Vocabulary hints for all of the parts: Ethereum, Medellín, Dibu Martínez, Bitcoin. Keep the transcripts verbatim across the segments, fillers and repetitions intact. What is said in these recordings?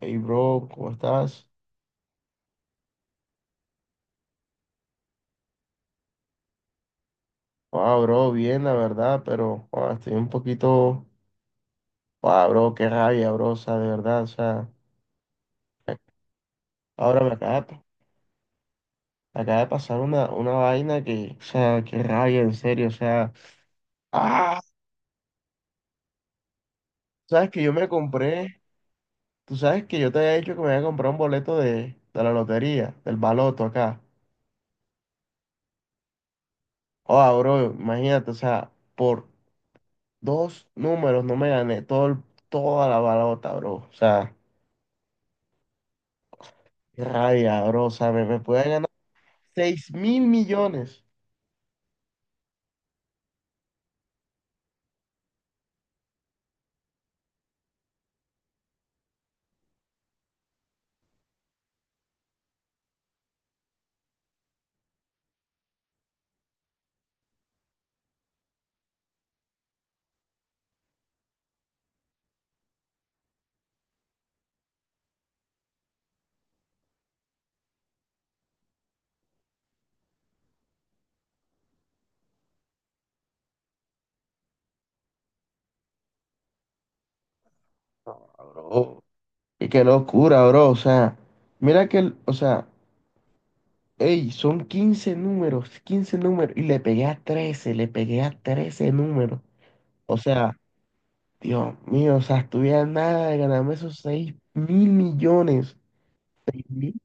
Hey bro, ¿cómo estás? Ah, bro, bien, la verdad, pero ah, estoy un poquito. Ah, bro, qué rabia, bro, o sea, de verdad, o sea, ahora me acaba de, me acaba de pasar una, una vaina que, o sea, qué rabia, en serio, o sea, ah, sabes que yo me compré, tú sabes que yo te había dicho que me había comprado un boleto de, de la lotería, del baloto acá. Ah, bro, imagínate, o sea, por dos números no me gané todo, el- toda la balota, bro, o sea. Qué rabia, bro. O sea, me, me puede ganar seis mil millones. No, bro. Y qué locura, bro. O sea, mira que, el- o sea, ey, son quince números, quince números. Y le pegué a trece, le pegué a trece números. O sea, Dios mío, o sea, estuviera a nada de ganarme esos seis mil millones. ¿Seis mil?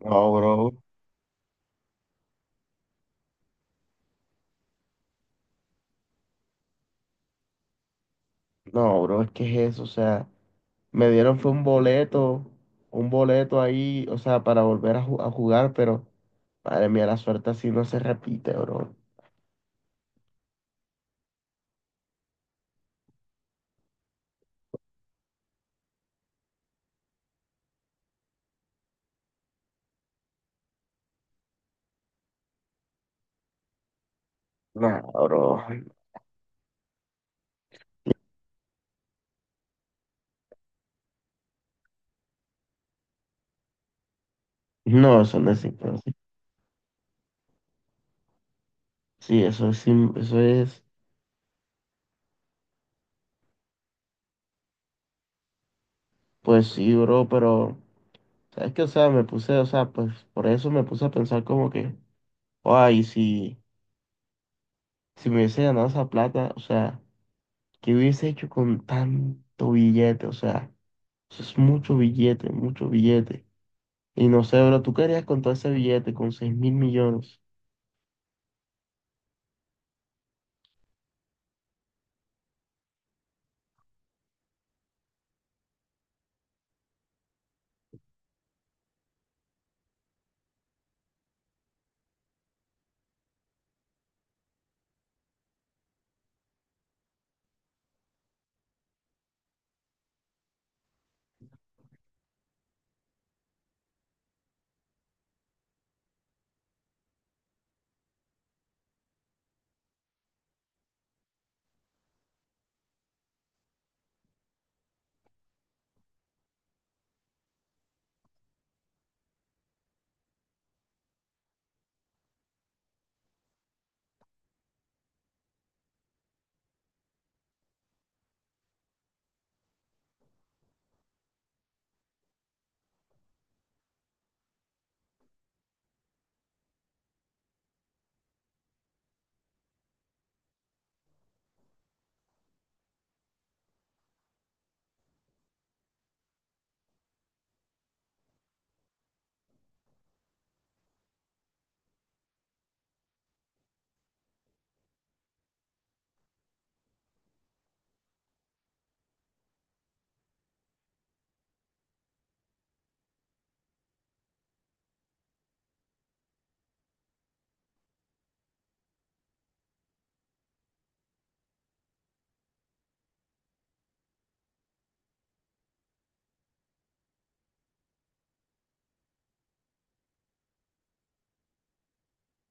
No, bro. No, bro, es que es eso. O sea, me dieron fue un boleto, un boleto ahí, o sea, para volver a, ju- a jugar, pero madre mía, la suerte así no se repite, bro. No, bro. No, eso no es no, sí, sí, eso es, sim- eso es, pues sí, bro, pero, ¿sabes qué? O sea, me puse, o sea, pues por eso me puse a pensar como que, ay, si, si me hubiese ganado esa plata, o sea, ¿qué hubiese hecho con tanto billete? O sea, eso es mucho billete, mucho billete. Y no sé, bro, ¿tú qué harías con todo ese billete, con seis mil millones?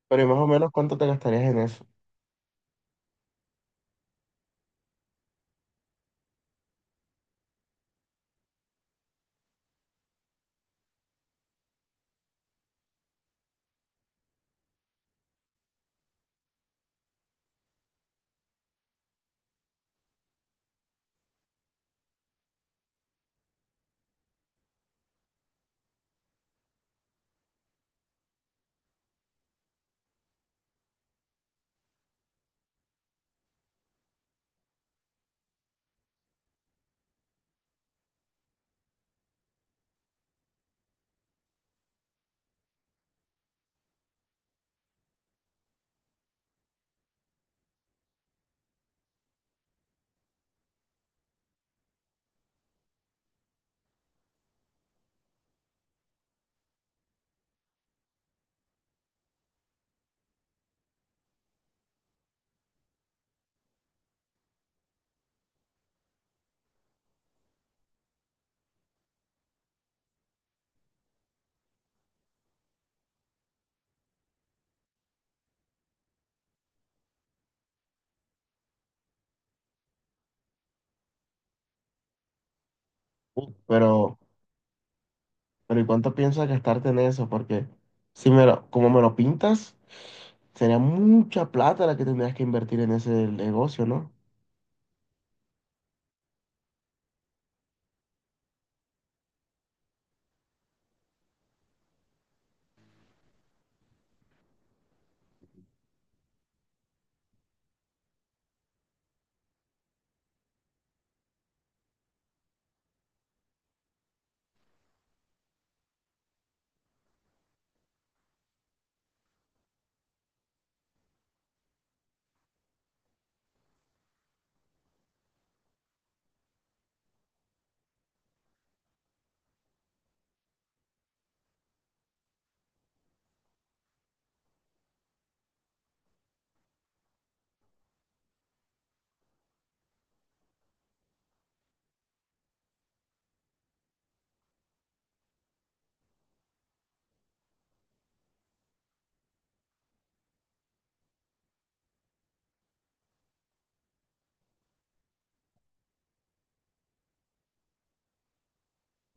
Pero ¿y más o menos cuánto te gastarías en eso? Pero, pero ¿y cuánto piensas gastarte en eso? Porque si me lo, como me lo pintas, sería mucha plata la que tendrías que invertir en ese negocio, ¿no?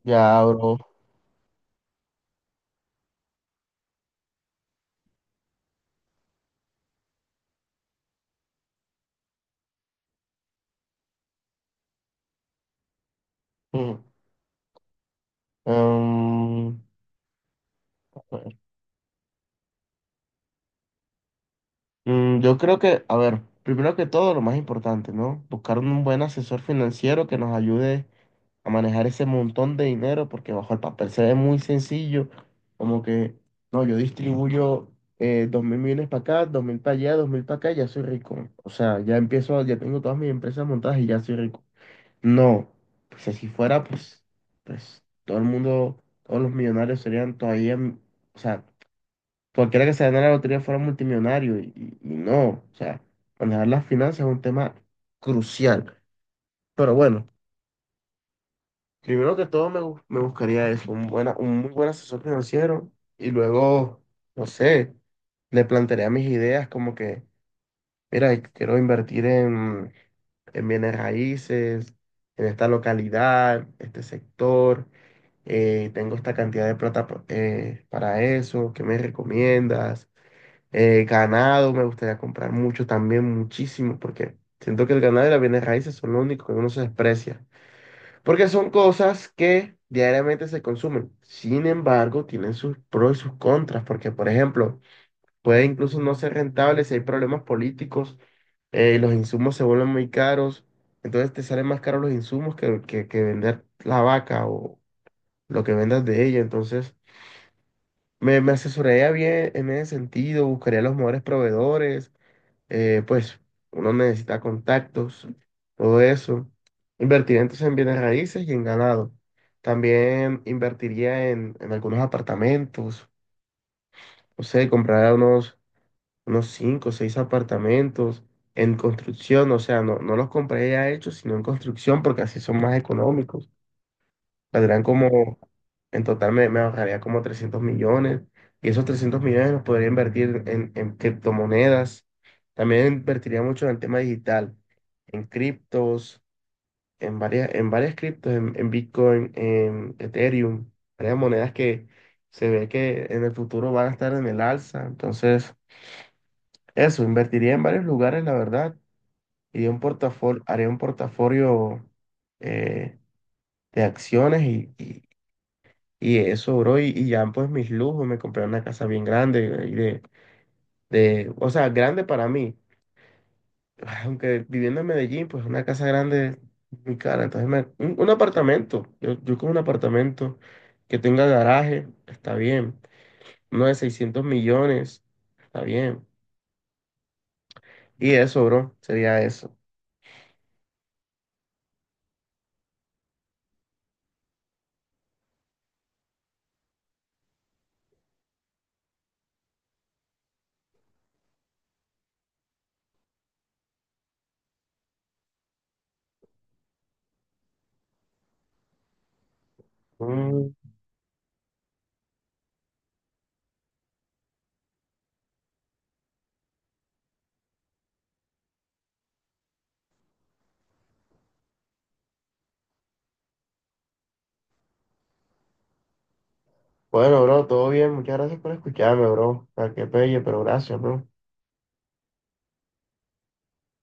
Ya, bro. Mm. Em, a ver. Mm, yo creo que, a ver, primero que todo, lo más importante, ¿no? Buscar un buen asesor financiero que nos ayude a manejar ese montón de dinero, porque bajo el papel se ve muy sencillo, como que, no, yo distribuyo eh, dos mil millones para acá, dos mil para allá, dos mil para acá, y ya soy rico. O sea, ya empiezo, ya tengo todas mis empresas montadas y ya soy rico. No, pues si así fuera, pues, pues todo el mundo, todos los millonarios serían todavía, m- o sea, cualquiera que se ganara la lotería fuera multimillonario y, y- y no, o sea, manejar las finanzas es un tema crucial. Pero bueno, primero que todo me, bu- me buscaría eso, un, buena, un muy buen asesor financiero y luego, no sé, le plantearía mis ideas como que, mira, quiero invertir en, en bienes raíces, en esta localidad, este sector. Eh, tengo esta cantidad de plata pa- eh, para eso, ¿qué me recomiendas? Eh, ganado, me gustaría comprar mucho también, muchísimo, porque siento que el ganado y las bienes raíces son lo único que uno se desprecia, porque son cosas que diariamente se consumen. Sin embargo, tienen sus pros y sus contras, porque, por ejemplo, puede incluso no ser rentable si hay problemas políticos, eh, los insumos se vuelven muy caros, entonces te salen más caros los insumos que, que, que vender la vaca o lo que vendas de ella, entonces... Me, me asesoraría bien en ese sentido, buscaría los mejores proveedores, eh, pues uno necesita contactos, todo eso. Invertiría entonces en bienes raíces y en ganado. También invertiría en, en algunos apartamentos, no sé, compraría unos, unos cinco o seis apartamentos en construcción, o sea, no, no los compraría ya hechos, sino en construcción porque así son más económicos, saldrán como, en total me, me ahorraría como trescientos millones y esos trescientos millones los podría invertir en, en criptomonedas. También invertiría mucho en el tema digital, en criptos, en varias, en varias criptos, en, en Bitcoin, en Ethereum, varias monedas que se ve que en el futuro van a estar en el alza. Entonces, eso, invertiría en varios lugares, la verdad, y un portafolio, haría un portafolio eh, de acciones. Y, y Y eso, bro, y, y ya pues mis lujos, me compré una casa bien grande, y de, de, o sea, grande para mí. Aunque viviendo en Medellín, pues una casa grande es muy cara. Entonces, me- un, un apartamento, yo, yo con un apartamento que tenga garaje, está bien. Uno de seiscientos millones, está bien. Y eso, bro, sería eso. Mm, bueno, bro, todo bien, muchas gracias por escucharme, bro. O que qué pelle, pero gracias, bro.